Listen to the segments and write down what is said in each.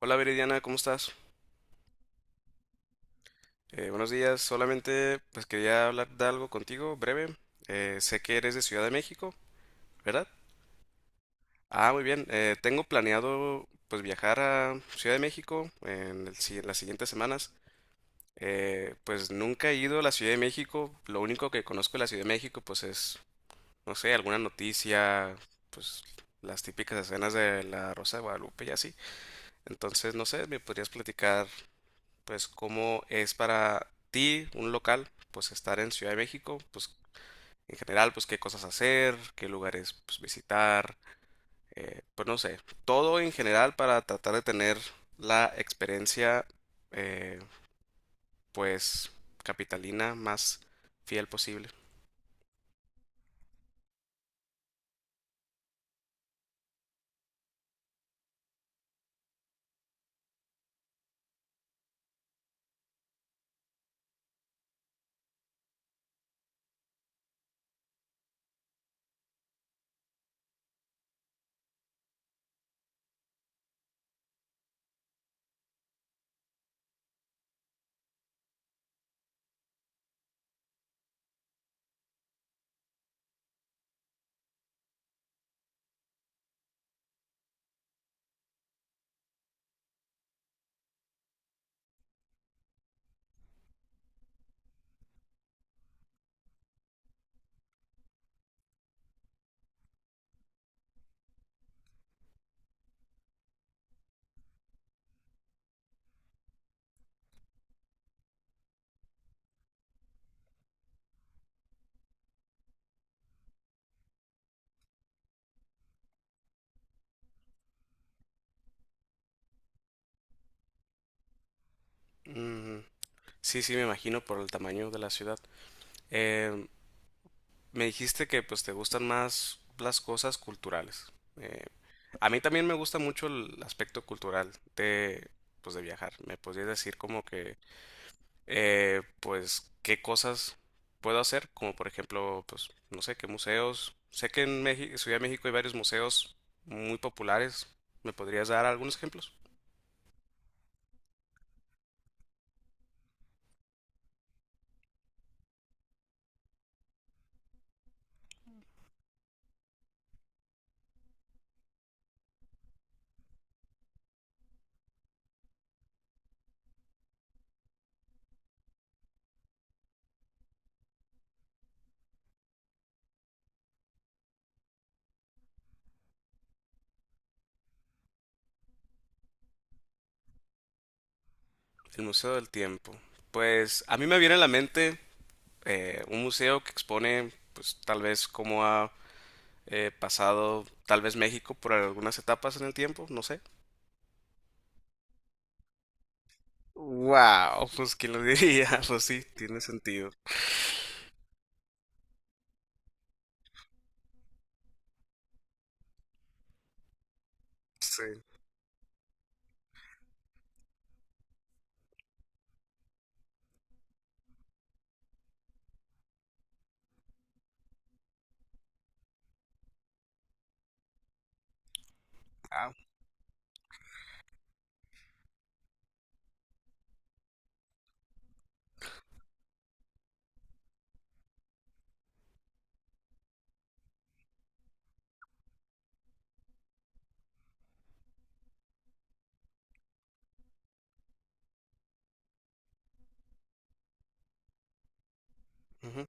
Hola Viridiana, ¿cómo estás? Buenos días, solamente pues quería hablar de algo contigo, breve. Sé que eres de Ciudad de México, ¿verdad? Ah, muy bien. Tengo planeado pues viajar a Ciudad de México en el si- en las siguientes semanas. Pues nunca he ido a la Ciudad de México. Lo único que conozco de la Ciudad de México pues es, no sé, alguna noticia, pues las típicas escenas de la Rosa de Guadalupe y así. Entonces, no sé, ¿me podrías platicar pues cómo es para ti, un local, pues estar en Ciudad de México, pues en general, pues qué cosas hacer, qué lugares pues visitar, pues no sé, todo en general para tratar de tener la experiencia eh, pues capitalina más fiel posible? Mm, sí, sí, me imagino por el tamaño de la ciudad. Eh, Me dijiste que pues te gustan más las cosas culturales. Eh, A mí también me gusta mucho el aspecto cultural de, pues, de viajar. ¿Me podrías decir como que, pues, qué cosas puedo hacer? Como por ejemplo, pues, no sé, qué museos. Sé que en México, Ciudad de México hay varios museos muy populares. ¿Me podrías dar algunos ejemplos? El Museo del Tiempo. Pues a mí me viene a la mente un museo que expone, pues tal vez cómo ha pasado, tal vez México por algunas etapas en el tiempo, no sé. Wow, pues quién lo diría, pues sí, tiene sentido. Sí. Ah, ujú,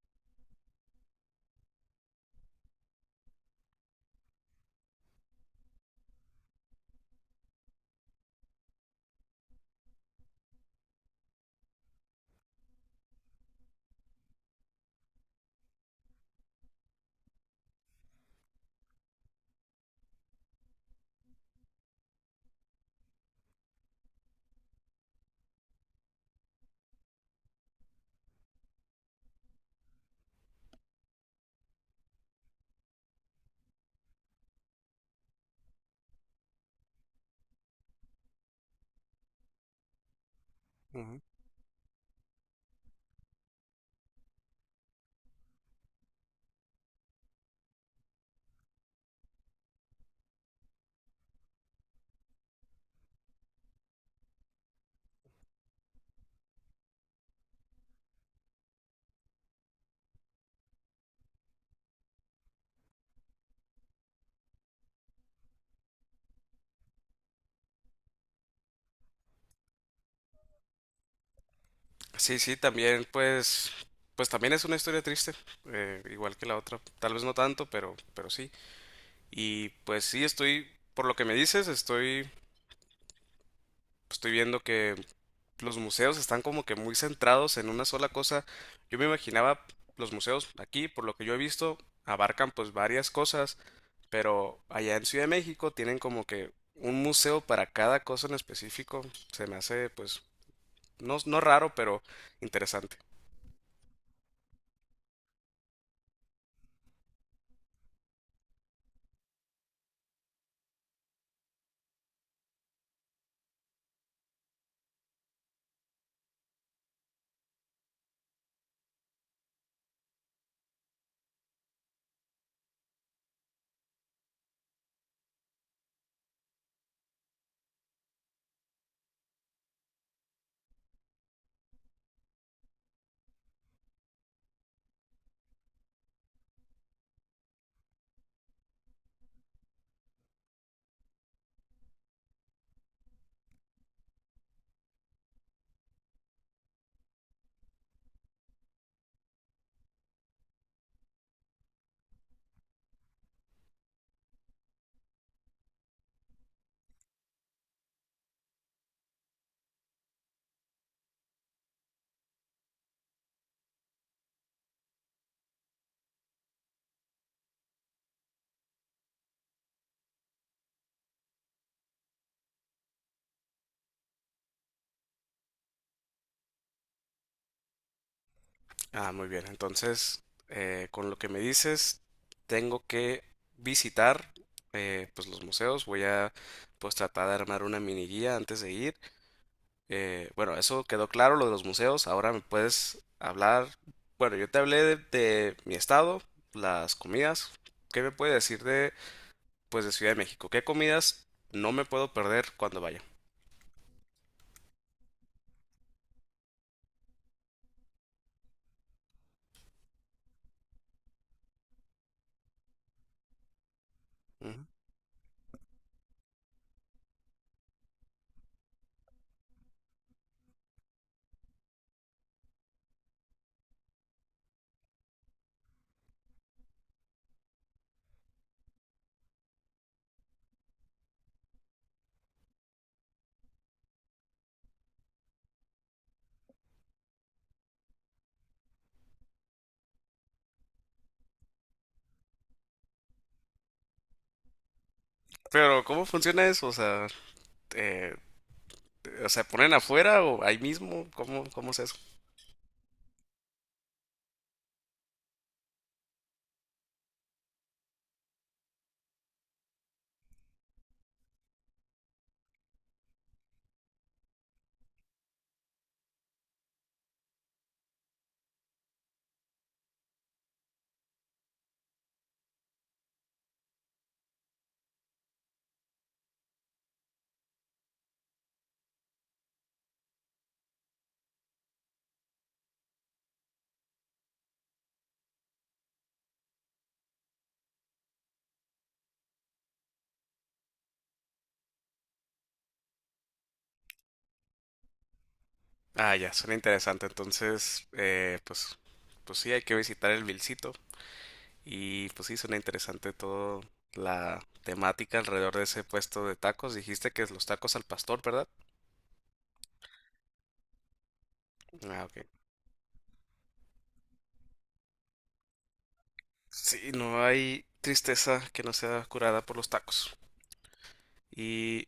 ujú. Sí, sí, también pues pues también es una historia triste, igual que la otra, tal vez no tanto, pero sí. Y pues sí estoy, por lo que me dices, estoy, viendo que los museos están como que muy centrados en una sola cosa. Yo me imaginaba los museos aquí, por lo que yo he visto, abarcan pues varias cosas. Pero allá en Ciudad de México tienen como que un museo para cada cosa en específico. Se me hace, pues, no, no raro, pero interesante. Ah, muy bien. Entonces, con lo que me dices, tengo que visitar, pues, los museos. Voy a, pues, tratar de armar una mini guía antes de ir. Bueno, eso quedó claro, lo de los museos. Ahora me puedes hablar. Bueno, yo te hablé de mi estado, las comidas. ¿Qué me puedes decir pues de Ciudad de México? ¿Qué comidas no me puedo perder cuando vaya? Ujú. Pero ¿cómo funciona eso? Eh, o sea, ¿ponen afuera o ahí mismo? ¿Cómo, cómo es eso? Ah, ya, suena interesante. Entonces, pues, pues sí, hay que visitar el Vilcito. Y pues sí, suena interesante todo la temática alrededor de ese puesto de tacos. Dijiste que es los tacos al pastor, ¿verdad? Ah, ok. Sí, no hay tristeza que no sea curada por los tacos. Y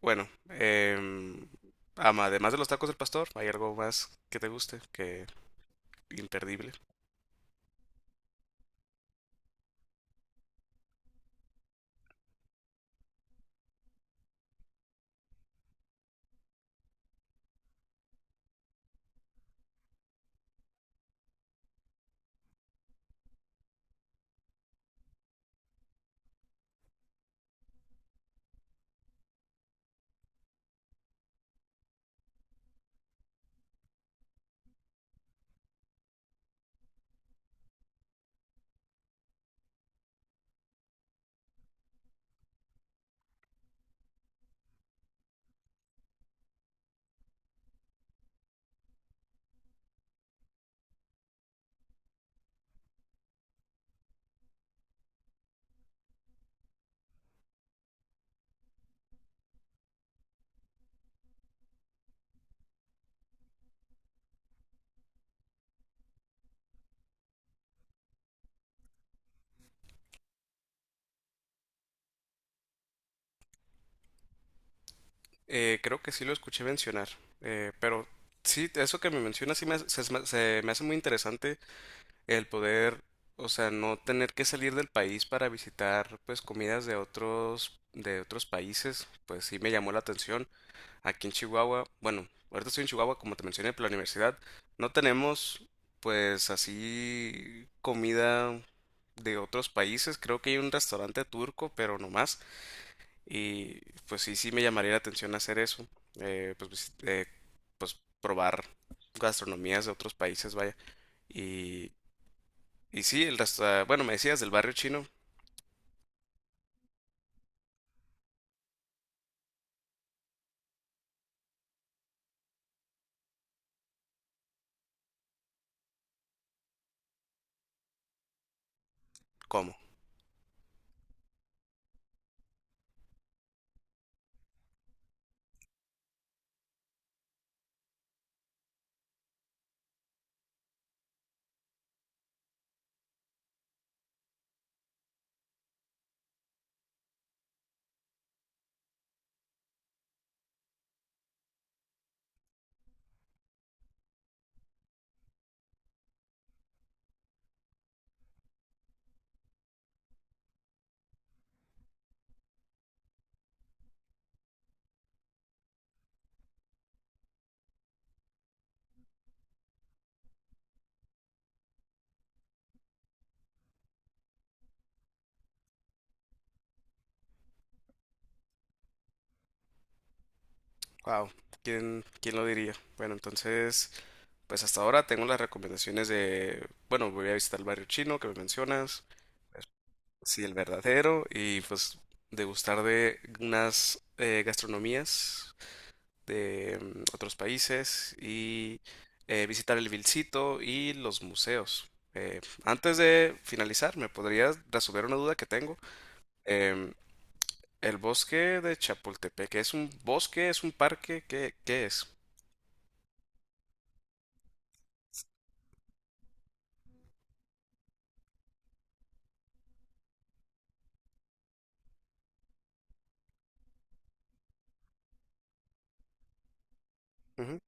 bueno, además de los tacos del pastor, ¿hay algo más que te guste? Que imperdible. Creo que sí lo escuché mencionar, pero sí, eso que me mencionas sí me, hace- se me hace muy interesante el poder, o sea, no tener que salir del país para visitar pues comidas de otros países, pues sí me llamó la atención. Aquí en Chihuahua, bueno, ahorita estoy en Chihuahua, como te mencioné, por la universidad. No tenemos, pues, así comida de otros países. Creo que hay un restaurante turco, pero no más. Y pues sí, sí me llamaría la atención hacer eso. Pues, pues probar gastronomías de otros países, vaya. Y, y sí, el restaurante, bueno, me decías del barrio chino, ¿cómo? Wow, ¿quién, quién lo diría? Bueno, entonces... Pues hasta ahora tengo las recomendaciones de, bueno, voy a visitar el barrio chino que me mencionas, sí, el verdadero, y pues degustar de unas gastronomías de mm, otros países y visitar el Vilcito y los museos. Antes de finalizar, ¿me podrías resolver una duda que tengo? Em, el bosque de Chapultepec, ¿es un bosque? ¿Es un parque? ¿Qué, qué es? Ujú.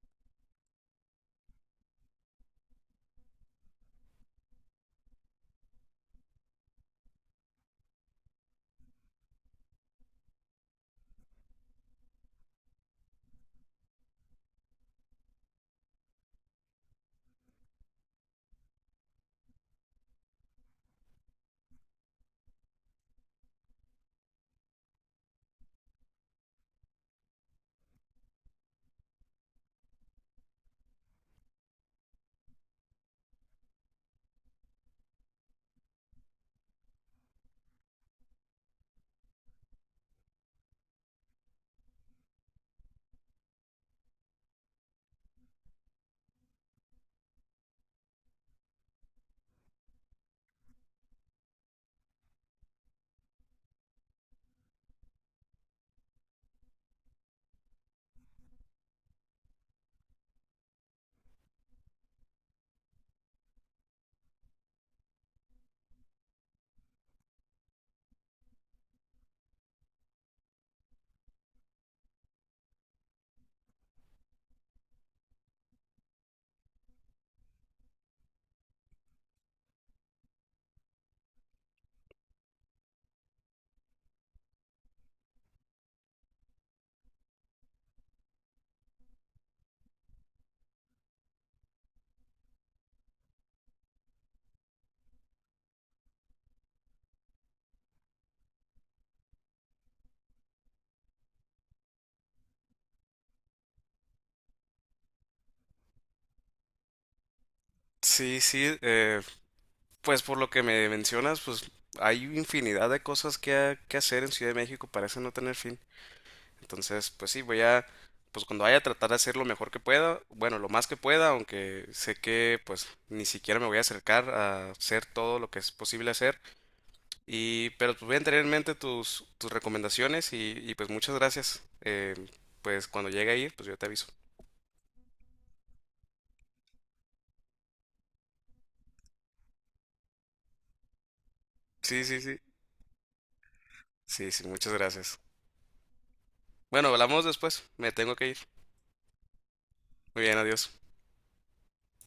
Sí, sí, pues por lo que me mencionas, pues hay infinidad de cosas que, que hacer en Ciudad de México, parece no tener fin. Entonces, pues sí, voy a, pues cuando vaya, a tratar de hacer lo mejor que pueda, bueno, lo más que pueda, aunque sé que pues ni siquiera me voy a acercar a hacer todo lo que es posible hacer. Y, pero pues voy a tener en mente tus, tus recomendaciones y, pues muchas gracias. Pues cuando llegue a ir, pues yo te aviso. Sí, sí, sí. Sí, sí, muchas gracias. Bueno, hablamos después. Me tengo que ir. Muy bien, adiós.